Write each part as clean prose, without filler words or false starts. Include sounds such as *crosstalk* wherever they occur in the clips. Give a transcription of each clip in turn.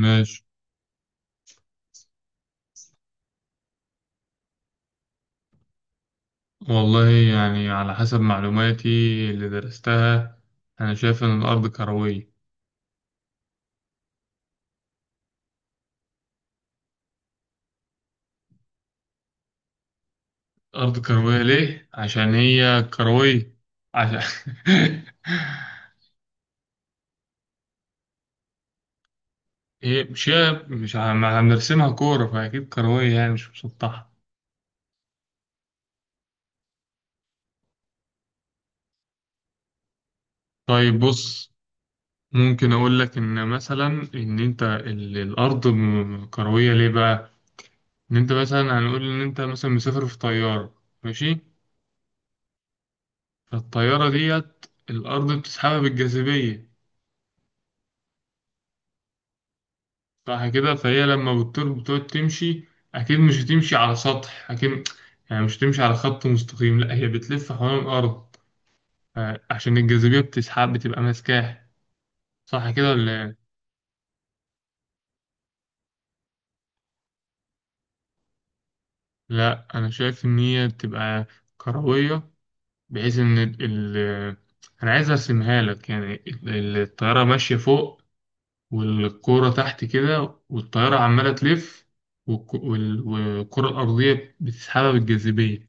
ماشي. والله يعني على حسب معلوماتي اللي درستها، أنا شايف إن الأرض كروية. الأرض كروية ليه؟ عشان هي كروية. عشان *laughs* هي مش هي مش عم- هنرسمها كورة، فأكيد كروية يعني مش مسطحة. طيب بص، ممكن أقول لك إن مثلا إن أنت الأرض كروية ليه بقى؟ إن أنت مثلا، هنقول إن أنت مثلا مسافر في طيارة، ماشي؟ فالطيارة ديت الأرض بتسحبها بالجاذبية. صح كده؟ فهي لما بتطير بتقعد تمشي، اكيد مش هتمشي على سطح، اكيد يعني مش هتمشي على خط مستقيم، لا هي بتلف حوالين الارض، عشان الجاذبيه بتسحب، بتبقى ماسكاه. صح كده ولا إيه؟ لا، انا شايف ان هي بتبقى كرويه، بحيث ان انا عايز ارسمها لك يعني، الطياره ماشيه فوق والكوره تحت كده، والطياره عماله تلف، والكره الارضيه بتسحبها بالجاذبيه.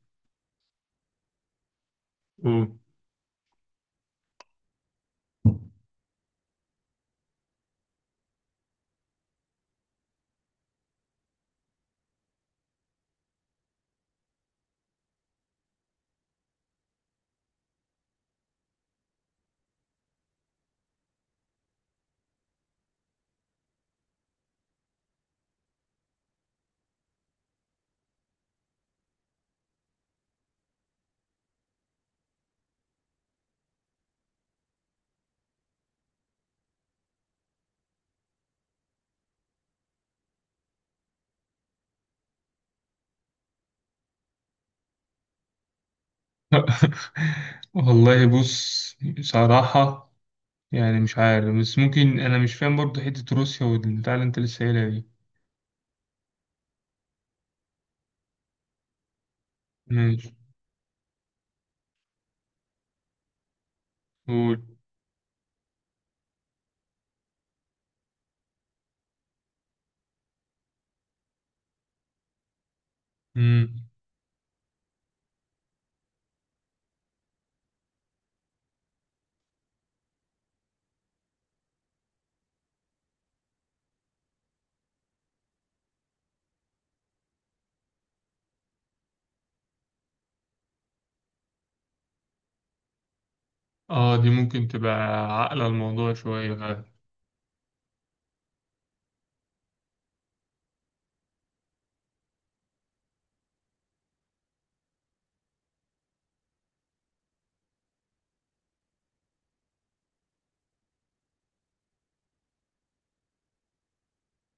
*laughs* والله بص، صراحة يعني مش عارف، بس ممكن أنا مش فاهم برضه حتة روسيا والبتاع اللي أنت لسه قايلها دي. ماشي. قول. مم. آه دي ممكن تبقى عاقلة الموضوع شوية فعلا.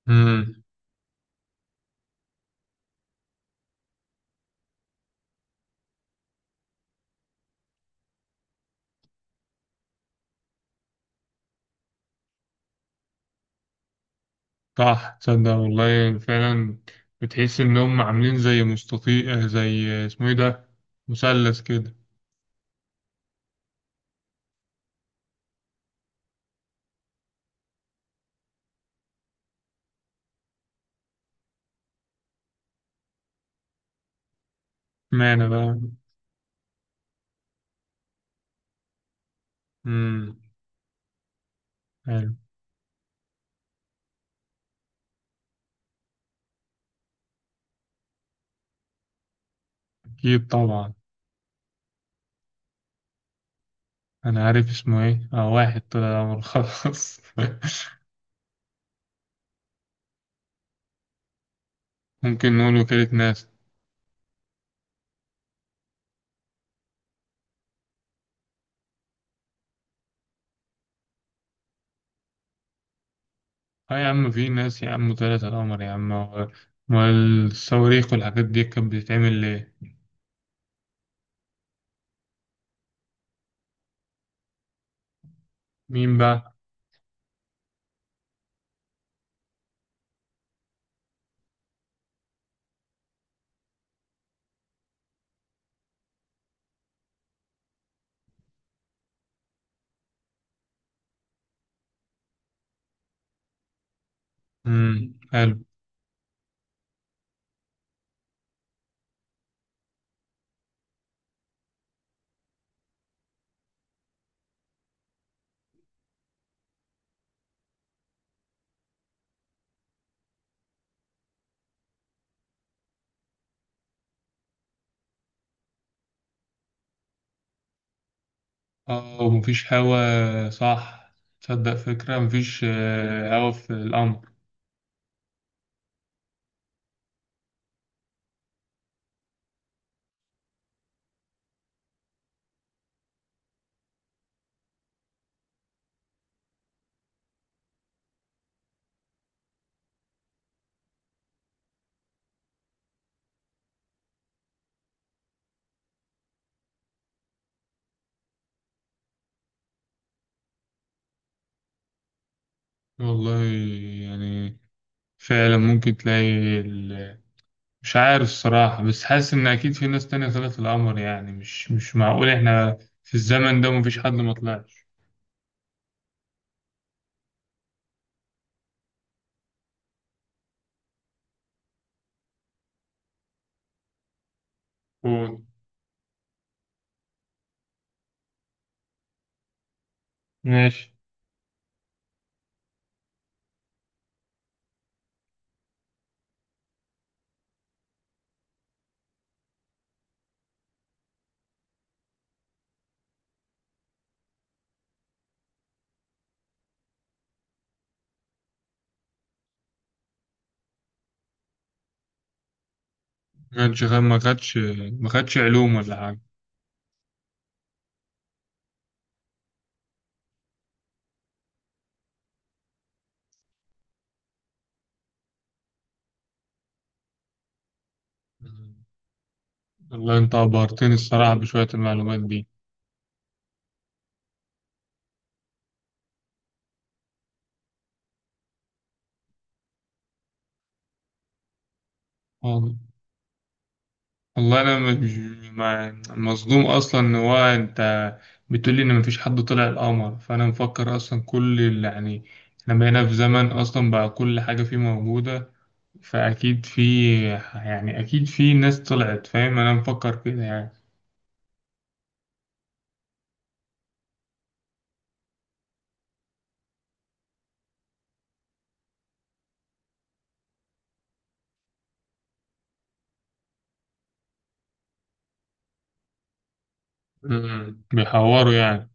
مم. صح، تصدق والله فعلا بتحس إن هم عاملين زي مستطيل، زي اسمه إيه ده، مثلث كده. اشمعنى بقى. مم. حلو. أكيد طبعا. أنا عارف اسمه إيه، آه واحد طلع القمر خلاص. *laughs* ممكن نقول وكالة ناسا. اه يا عم، في ناس يا عم طلعت على القمر يا عم، والصواريخ والحاجات دي كانت بتتعمل ليه؟ مين بقى؟ امم، حلو. اه ومفيش هوا صح؟ تصدق فكرة مفيش هوا في القمر. والله يعني فعلا ممكن تلاقي ال... مش عارف الصراحة، بس حاسس إن أكيد في ناس تانية طلعت القمر، يعني مش معقول إحنا في الزمن ده مفيش حد ما طلعش. قول. ماشي. ما خدش ما خدش ما خدش علوم ولا حاجة. والله انت عبرتني الصراحة بشوية المعلومات دي. وال- والله انا مش مصدوم اصلا ان هو انت بتقولي ان مفيش حد طلع القمر، فانا مفكر اصلا كل اللي يعني احنا بقينا في زمن اصلا بقى كل حاجة فيه موجودة، فاكيد في، يعني اكيد في ناس طلعت، فاهم، انا مفكر كده يعني. امم، بيحوروا يعني.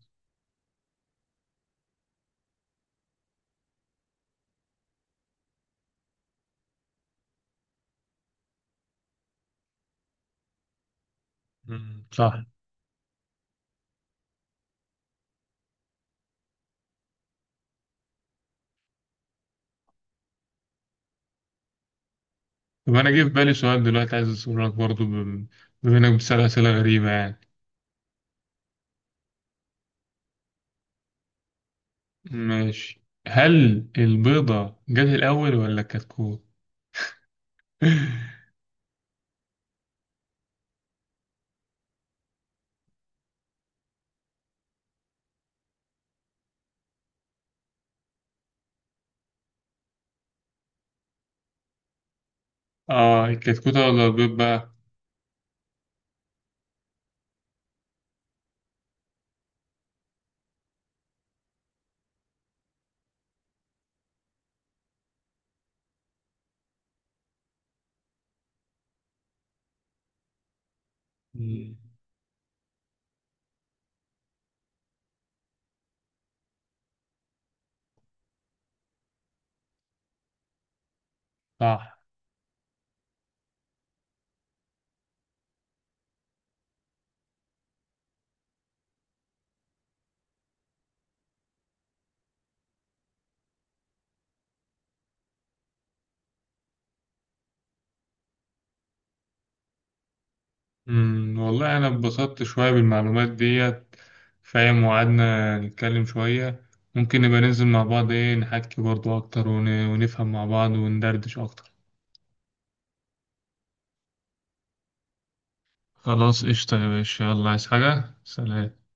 امم، صح. طب انا جه في بالي سؤال دلوقتي عايز اسأله لك برضه بما انك بتسأل اسئلة غريبة يعني. ماشي. هل البيضة جت الأول ولا الكتكوت؟ *laughs* آه الكتكوتة ولا البيض بقى؟ مم. صح. مم. والله أنا اتبسطت شوية بالمعلومات ديت، فاهم، وقعدنا نتكلم شوية. ممكن نبقى ننزل مع بعض، إيه، نحكي برضو أكتر ونفهم مع بعض وندردش أكتر. خلاص قشطة يا باشا، يلا. عايز حاجة؟ سلام.